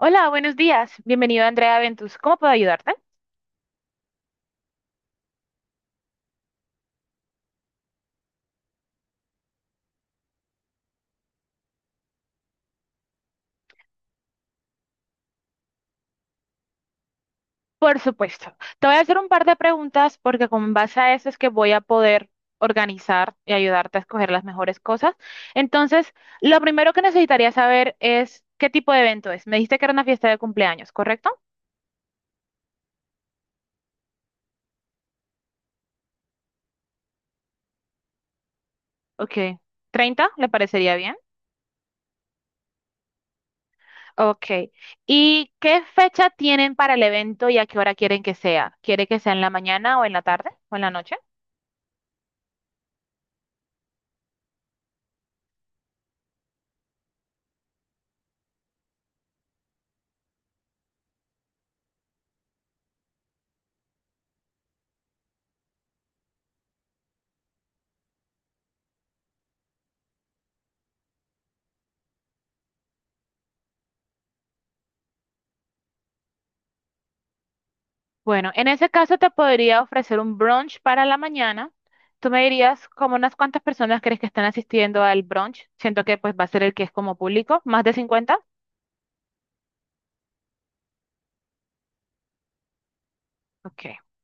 Hola, buenos días. Bienvenido a Andrea Ventus. ¿Cómo puedo ayudarte? Por supuesto. Te voy a hacer un par de preguntas porque con base a eso es que voy a poder organizar y ayudarte a escoger las mejores cosas. Entonces, lo primero que necesitaría saber es qué tipo de evento es. Me dijiste que era una fiesta de cumpleaños, ¿correcto? Ok. 30, ¿le parecería bien? Ok. ¿Y qué fecha tienen para el evento y a qué hora quieren que sea? ¿Quiere que sea en la mañana o en la tarde o en la noche? Bueno, en ese caso te podría ofrecer un brunch para la mañana. Tú me dirías como unas cuantas personas crees que están asistiendo al brunch. Siento que pues va a ser el que es como público, más de 50. Ok,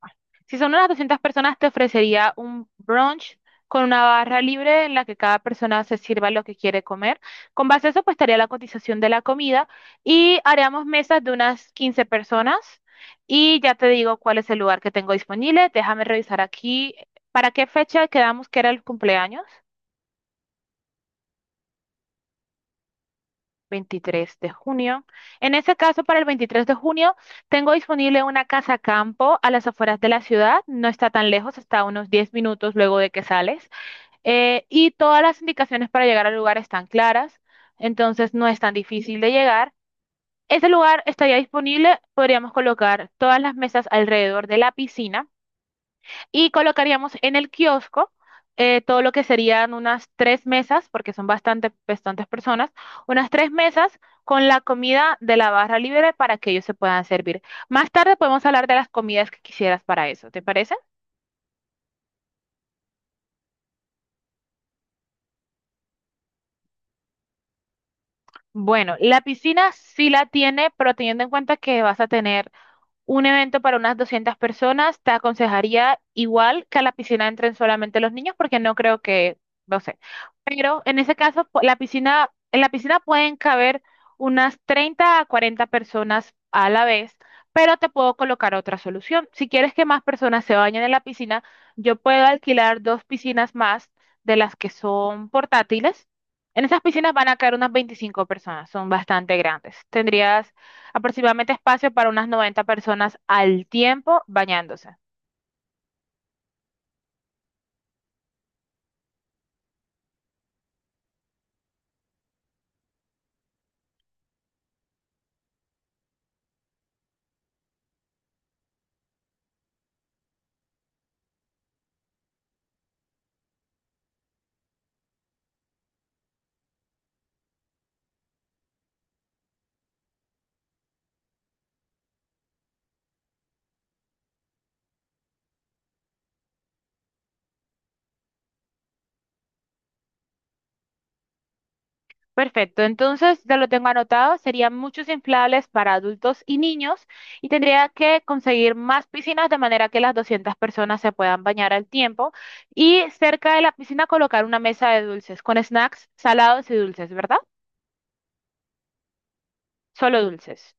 bueno. Si son unas 200 personas, te ofrecería un brunch con una barra libre en la que cada persona se sirva lo que quiere comer. Con base a eso, pues estaría la cotización de la comida y haríamos mesas de unas 15 personas. Y ya te digo cuál es el lugar que tengo disponible. Déjame revisar aquí. ¿Para qué fecha quedamos que era el cumpleaños? 23 de junio. En ese caso, para el 23 de junio, tengo disponible una casa campo a las afueras de la ciudad. No está tan lejos, está a unos 10 minutos luego de que sales. Y todas las indicaciones para llegar al lugar están claras, entonces no es tan difícil de llegar. Ese lugar estaría disponible, podríamos colocar todas las mesas alrededor de la piscina y colocaríamos en el kiosco todo lo que serían unas tres mesas, porque son bastantes personas, unas tres mesas con la comida de la barra libre para que ellos se puedan servir. Más tarde podemos hablar de las comidas que quisieras para eso, ¿te parece? Bueno, la piscina sí la tiene, pero teniendo en cuenta que vas a tener un evento para unas 200 personas, te aconsejaría igual que a la piscina entren solamente los niños porque no creo que, no sé. Pero en ese caso, la piscina, en la piscina pueden caber unas 30 a 40 personas a la vez, pero te puedo colocar otra solución. Si quieres que más personas se bañen en la piscina, yo puedo alquilar dos piscinas más de las que son portátiles. En esas piscinas van a caer unas 25 personas, son bastante grandes. Tendrías aproximadamente espacio para unas 90 personas al tiempo bañándose. Perfecto, entonces ya lo tengo anotado, serían muchos inflables para adultos y niños y tendría que conseguir más piscinas de manera que las 200 personas se puedan bañar al tiempo y cerca de la piscina colocar una mesa de dulces con snacks salados y dulces, ¿verdad? Solo dulces.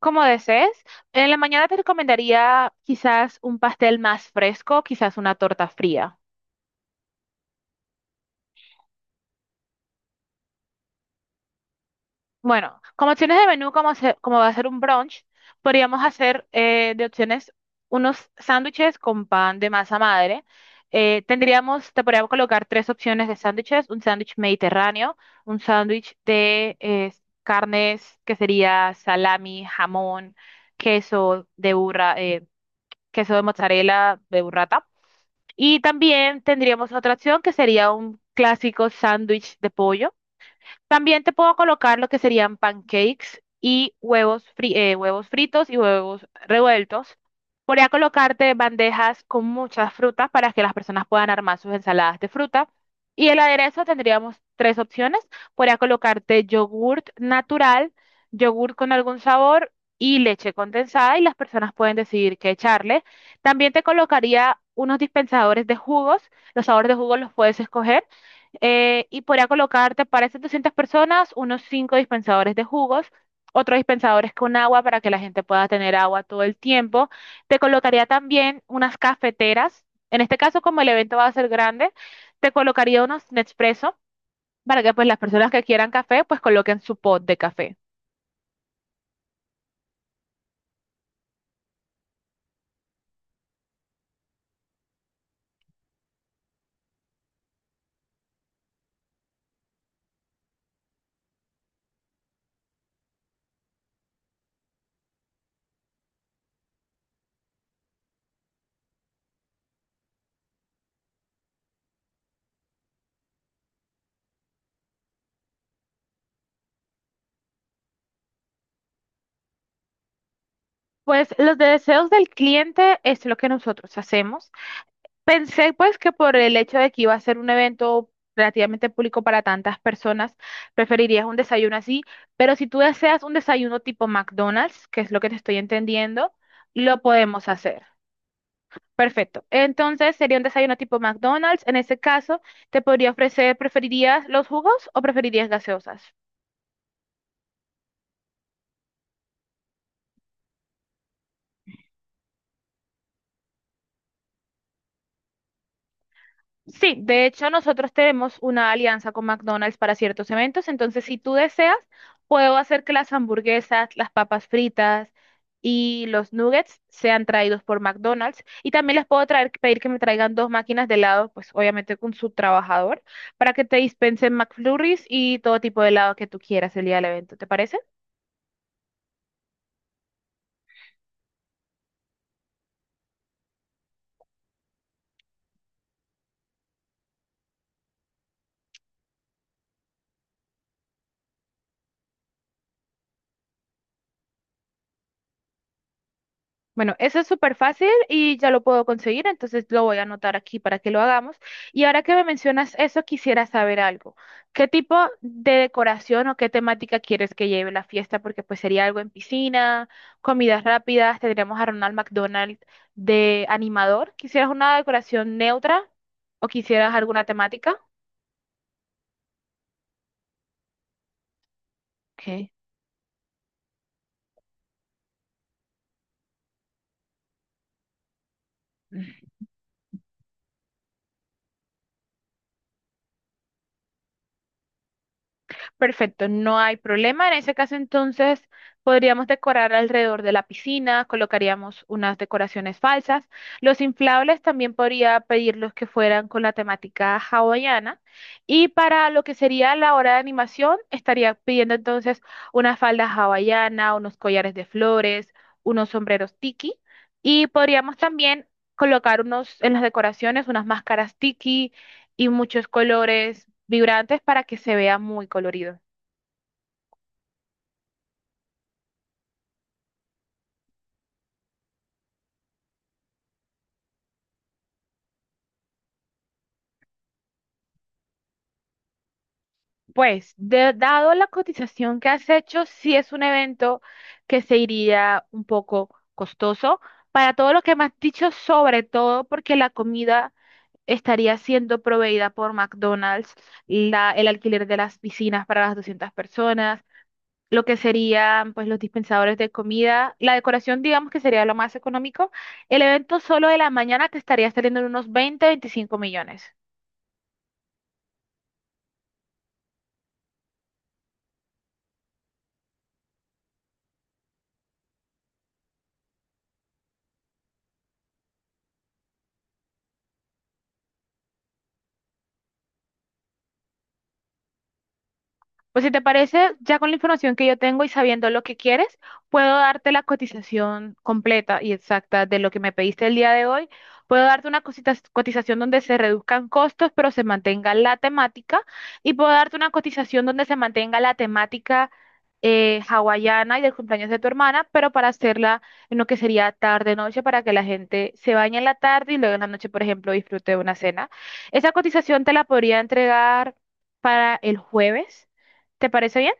Como desees, en la mañana te recomendaría quizás un pastel más fresco, quizás una torta fría. Bueno, como opciones de menú, como, como va a ser un brunch, podríamos hacer de opciones unos sándwiches con pan de masa madre. Tendríamos, te podríamos colocar tres opciones de sándwiches, un sándwich mediterráneo, un sándwich de carnes que sería salami, jamón, queso de burra, queso de mozzarella de burrata. Y también tendríamos otra opción que sería un clásico sándwich de pollo. También te puedo colocar lo que serían pancakes y huevos, huevos fritos y huevos revueltos. Podría colocarte bandejas con muchas frutas para que las personas puedan armar sus ensaladas de fruta. Y el aderezo tendríamos tres opciones. Podría colocarte yogurt natural, yogurt con algún sabor y leche condensada y las personas pueden decidir qué echarle. También te colocaría unos dispensadores de jugos. Los sabores de jugos los puedes escoger y podría colocarte para esas 200 personas unos 5 dispensadores de jugos, otros dispensadores con agua para que la gente pueda tener agua todo el tiempo. Te colocaría también unas cafeteras. En este caso, como el evento va a ser grande, te colocaría unos Nespresso para que pues las personas que quieran café pues coloquen su pot de café. Pues los deseos del cliente es lo que nosotros hacemos. Pensé pues que por el hecho de que iba a ser un evento relativamente público para tantas personas, preferirías un desayuno así, pero si tú deseas un desayuno tipo McDonald's, que es lo que te estoy entendiendo, lo podemos hacer. Perfecto. Entonces sería un desayuno tipo McDonald's. En ese caso, te podría ofrecer, ¿preferirías los jugos o preferirías gaseosas? Sí, de hecho nosotros tenemos una alianza con McDonald's para ciertos eventos, entonces si tú deseas, puedo hacer que las hamburguesas, las papas fritas y los nuggets sean traídos por McDonald's y también les puedo traer, pedir que me traigan dos máquinas de helado, pues obviamente con su trabajador, para que te dispensen McFlurries y todo tipo de helado que tú quieras el día del evento, ¿te parece? Bueno, eso es súper fácil y ya lo puedo conseguir, entonces lo voy a anotar aquí para que lo hagamos. Y ahora que me mencionas eso, quisiera saber algo. ¿Qué tipo de decoración o qué temática quieres que lleve la fiesta? Porque pues sería algo en piscina, comidas rápidas, tendríamos a Ronald McDonald de animador. ¿Quisieras una decoración neutra o quisieras alguna temática? Ok. Perfecto, no hay problema. En ese caso, entonces, podríamos decorar alrededor de la piscina, colocaríamos unas decoraciones falsas. Los inflables también podría pedirlos que fueran con la temática hawaiana. Y para lo que sería la hora de animación, estaría pidiendo entonces una falda hawaiana, unos collares de flores, unos sombreros tiki. Y podríamos también colocar unos, en las decoraciones unas máscaras tiki y muchos colores vibrantes para que se vea muy colorido. Dado la cotización que has hecho, sí es un evento que se iría un poco costoso para todo lo que me has dicho, sobre todo porque la comida estaría siendo proveída por McDonald's, el alquiler de las piscinas para las 200 personas, lo que serían pues los dispensadores de comida, la decoración digamos que sería lo más económico. El evento solo de la mañana te estaría saliendo en unos 20, 25 millones. Pues si te parece, ya con la información que yo tengo y sabiendo lo que quieres, puedo darte la cotización completa y exacta de lo que me pediste el día de hoy. Puedo darte una cotización donde se reduzcan costos, pero se mantenga la temática. Y puedo darte una cotización donde se mantenga la temática hawaiana y del cumpleaños de tu hermana, pero para hacerla en lo que sería tarde-noche, para que la gente se bañe en la tarde y luego en la noche, por ejemplo, disfrute de una cena. Esa cotización te la podría entregar para el jueves. ¿Te parece bien?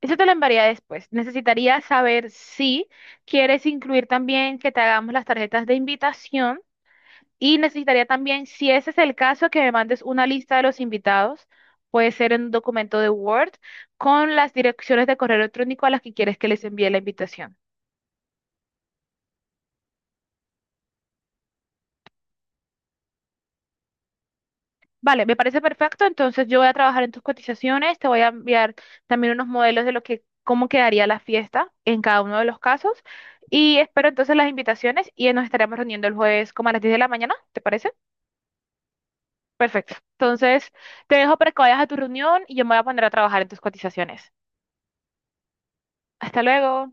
Eso te lo enviaría después. Necesitaría saber si quieres incluir también que te hagamos las tarjetas de invitación y necesitaría también, si ese es el caso, que me mandes una lista de los invitados. Puede ser en un documento de Word con las direcciones de correo electrónico a las que quieres que les envíe la invitación. Vale, me parece perfecto. Entonces yo voy a trabajar en tus cotizaciones, te voy a enviar también unos modelos de lo que, cómo quedaría la fiesta en cada uno de los casos. Y espero entonces las invitaciones y nos estaremos reuniendo el jueves como a las 10 de la mañana, ¿te parece? Perfecto. Entonces te dejo para que vayas a tu reunión y yo me voy a poner a trabajar en tus cotizaciones. Hasta luego.